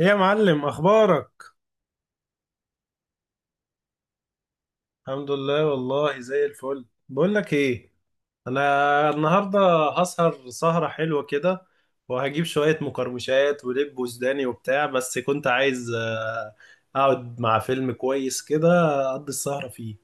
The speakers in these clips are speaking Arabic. ايه يا معلم، اخبارك؟ الحمد لله والله زي الفل. بقول لك ايه، انا النهارده هسهر سهره حلوه كده، وهجيب شويه مقرمشات ولب وسوداني وبتاع. بس كنت عايز اقعد مع فيلم كويس كده، اقضي السهره فيه.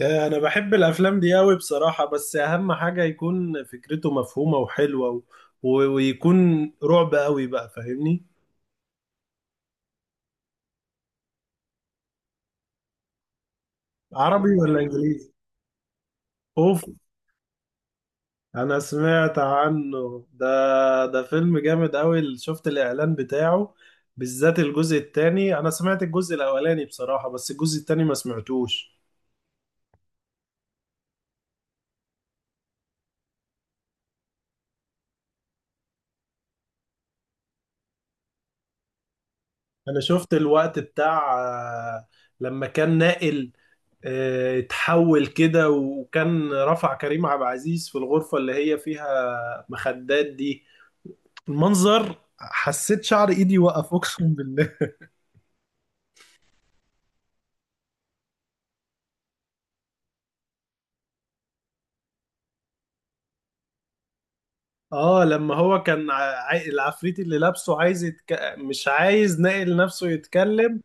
انا بحب الافلام دي قوي بصراحه، بس اهم حاجه يكون فكرته مفهومه وحلوه ويكون رعب قوي بقى، فاهمني؟ عربي ولا انجليزي؟ اوف. انا سمعت عنه ده، ده فيلم جامد قوي، شفت الاعلان بتاعه. بالذات الجزء الثاني، انا سمعت الجزء الاولاني بصراحة، بس الجزء الثاني ما سمعتوش. انا شفت الوقت بتاع لما كان ناقل اتحول كده، وكان رفع كريم عبد العزيز في الغرفة اللي هي فيها مخدات دي. المنظر حسيت شعر ايدي وقف، اقسم بالله. اه لما هو كان العفريت اللي لابسه عايز مش عايز ناقل نفسه يتكلم،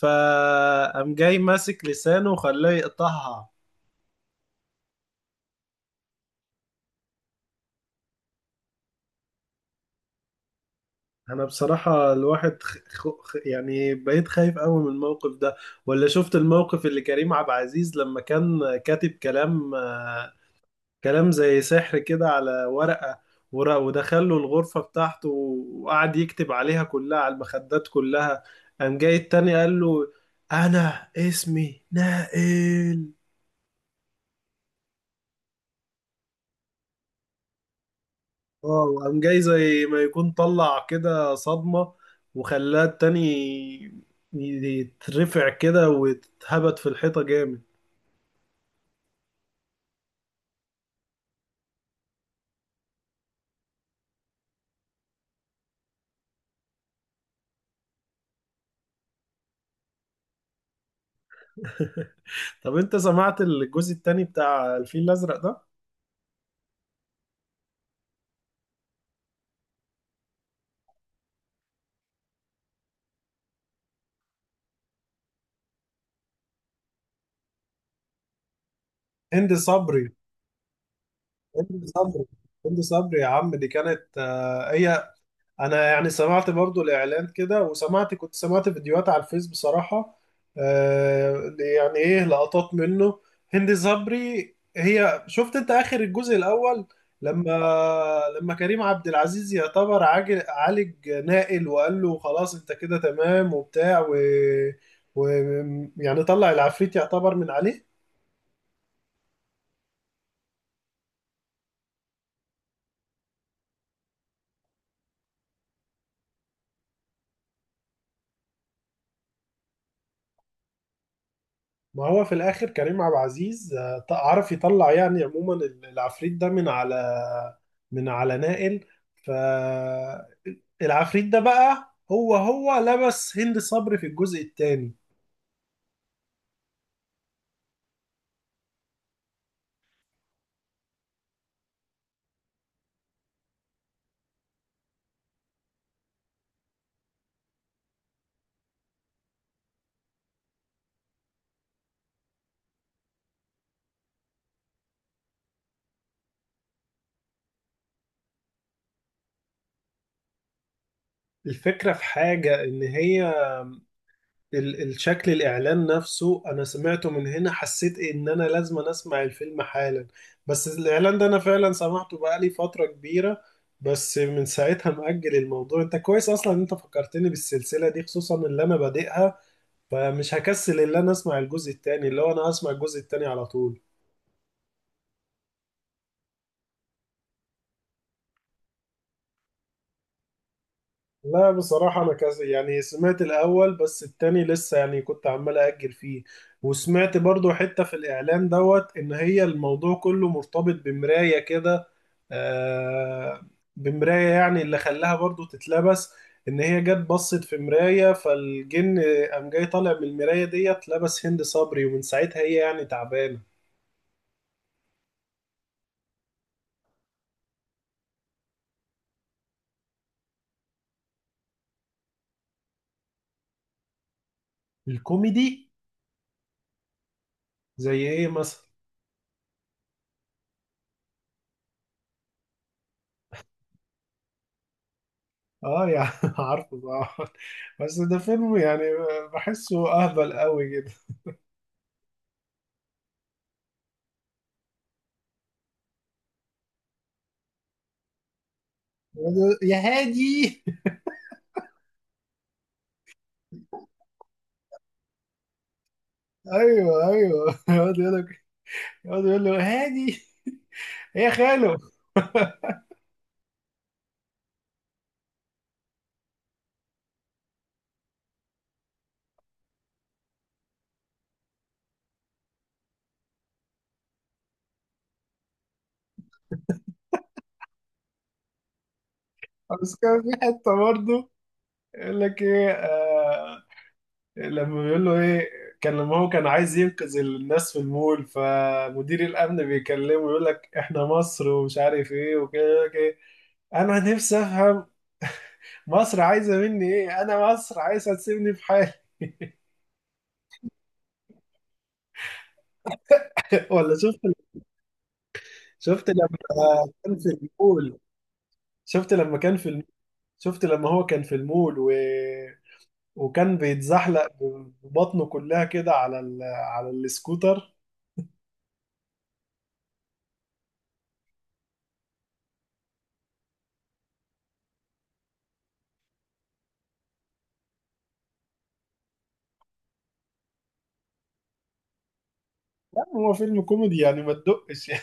فقام جاي ماسك لسانه وخلاه يقطعها. انا بصراحة الواحد يعني بقيت خايف قوي من الموقف ده. ولا شفت الموقف اللي كريم عبد العزيز لما كان كاتب كلام كلام زي سحر كده على ورقة، ورق، ودخل له الغرفة بتاعته وقعد يكتب عليها كلها، على المخدات كلها. قام جاي التاني قال له: أنا اسمي نائل. اه وقام جاي زي ما يكون طلع كده صدمة، وخلاه التاني يترفع كده ويتهبط في الحيطة جامد. طب انت سمعت الجزء التاني بتاع الفيل الأزرق ده؟ هند صبري. هند صبري، هند صبري يا عم، دي كانت هي. انا يعني سمعت برضو الاعلان كده، كنت سمعت فيديوهات على الفيس بصراحة. آه يعني ايه، لقطات منه. هند صبري، هي شفت انت اخر الجزء الاول، لما لما كريم عبد العزيز يعتبر عالج نائل، وقال له خلاص انت كده تمام وبتاع و يعني طلع العفريت، يعتبر من عليه. ما هو في الاخر كريم عبد العزيز عرف يطلع، يعني عموما العفريت ده من على نائل. فالعفريت ده بقى، هو لبس هند صبري في الجزء الثاني. الفكرة في حاجة، إن هي الشكل الاعلان نفسه انا سمعته من هنا، حسيت ان انا لازم اسمع الفيلم حالا. بس الاعلان ده انا فعلا سمعته بقالي فترة كبيرة، بس من ساعتها مأجل الموضوع. انت كويس اصلا ان انت فكرتني بالسلسلة دي، خصوصا اللي انا بادئها. فمش هكسل ان انا اسمع الجزء التاني، اللي هو انا هسمع الجزء التاني على طول. لا بصراحة، أنا كذا يعني سمعت الأول، بس التاني لسه يعني كنت عمال أأجل فيه. وسمعت برضو حتة في الإعلان دوت، إن هي الموضوع كله مرتبط بمراية كده. آه، بمراية، يعني اللي خلاها برضو تتلبس، إن هي جت بصت في مراية، فالجن قام جاي طالع من المراية ديت، لبس هند صبري، ومن ساعتها هي يعني تعبانة. الكوميدي. زي إيه مثلا؟ آه يعني عارفه طبعا، بس ده فيلم يعني بحسه اهبل قوي. يا هادي. ايوه ايوه، يقعد يقول له: هادي يا خاله. بس كان في حته برضه يقول لك ايه، آه لما بيقول له ايه، كان لما هو كان عايز ينقذ الناس في المول، فمدير الامن بيكلمه يقول لك احنا مصر ومش عارف ايه وكده، يقول لك إيه: انا نفسي افهم مصر عايزه مني ايه، انا مصر عايزه تسيبني في حالي. ولا شفت، شفت لما كان في المول شفت لما كان في شفت لما هو كان في المول وكان بيتزحلق ببطنه كلها كده على على السكوتر. لا هو فيلم كوميدي يعني، ما تدقش يعني.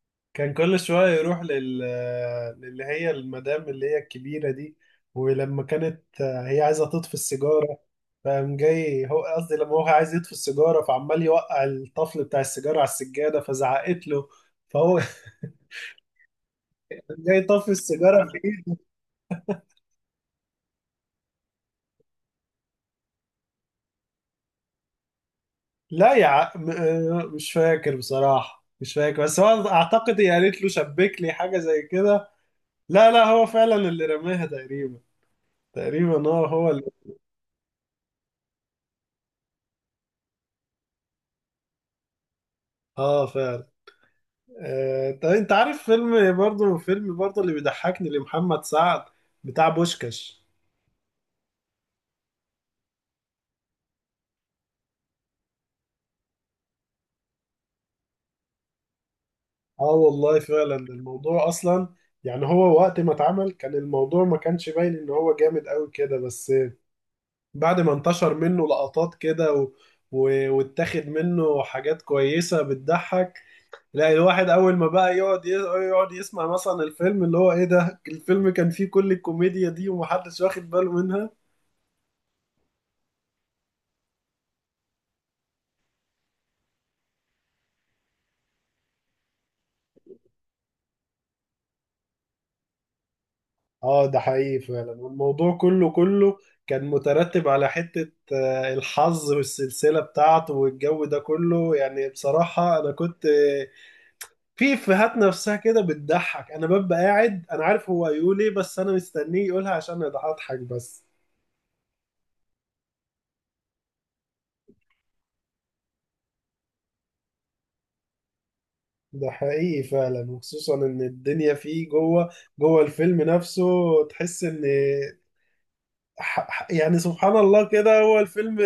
كان كل شوية يروح للي هي المدام اللي هي الكبيرة دي. ولما كانت هي عايزة تطفي السيجارة، فقام جاي هو قصدي لما هو عايز يطفي السيجارة، فعمال يوقع الطفل بتاع السيجارة على السجادة، فزعقت له، فهو جاي يطفي السيجارة في. لا يا مش فاكر بصراحة، مش فاكر، بس هو اعتقد هي قالت له شبك لي حاجة زي كده. لا لا، هو فعلا اللي رماها تقريبا، تقريبا هو اللي. اه فعلا. آه... طب انت عارف فيلم برضه، اللي بيضحكني لمحمد سعد، بتاع بوشكاش. اه والله فعلا. الموضوع اصلا يعني، هو وقت ما اتعمل كان الموضوع ما كانش باين ان هو جامد قوي كده، بس بعد ما انتشر منه لقطات كده واتاخد منه حاجات كويسة بتضحك. لا، الواحد أول ما بقى يقعد يقعد يسمع مثلا الفيلم اللي هو إيه ده، الفيلم كان فيه كل الكوميديا دي ومحدش واخد باله منها. اه ده حقيقي فعلا. والموضوع كله كان مترتب على حتة الحظ والسلسلة بتاعته والجو ده كله يعني. بصراحة أنا كنت في افيهات نفسها كده بتضحك، انا ببقى قاعد انا عارف هو هيقول ايه، بس انا مستنيه يقولها عشان اضحك بس. ده حقيقي فعلا، وخصوصا ان الدنيا فيه جوه الفيلم نفسه، تحس ان يعني سبحان الله كده. هو الفيلم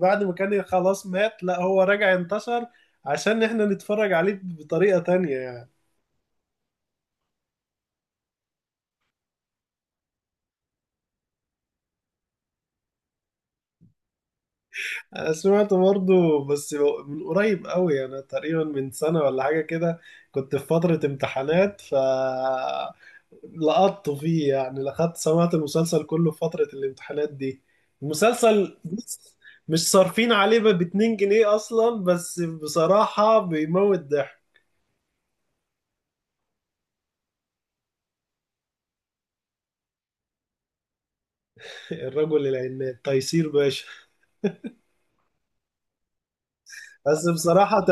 بعد ما كان خلاص مات، لا هو رجع انتشر عشان احنا نتفرج عليه بطريقة تانية يعني. أنا سمعت برضه، بس من قريب قوي. أنا تقريبا من سنة ولا حاجة كده، كنت في فترة امتحانات، ف لقطت فيه يعني، سمعت المسلسل كله في فترة الامتحانات دي. المسلسل بص، مش صارفين عليه ب 2 جنيه أصلا، بس بصراحة بيموت ضحك. الرجل العناد تيسير باشا. بس بصراحة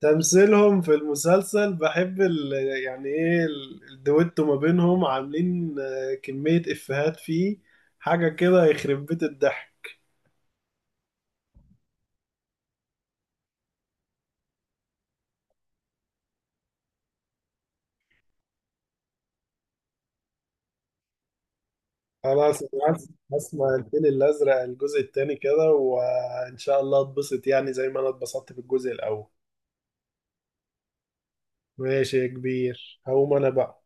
تمثيلهم في المسلسل، بحب يعني ايه الدويتو ما بينهم، عاملين كمية إفيهات فيه، حاجة كده يخرب بيت الضحك. خلاص، أنا هسمع الفيل الأزرق الجزء التاني كده، وإن شاء الله اتبسط يعني زي ما أنا اتبسطت في الجزء الأول. ماشي يا كبير، هقوم أنا بقى.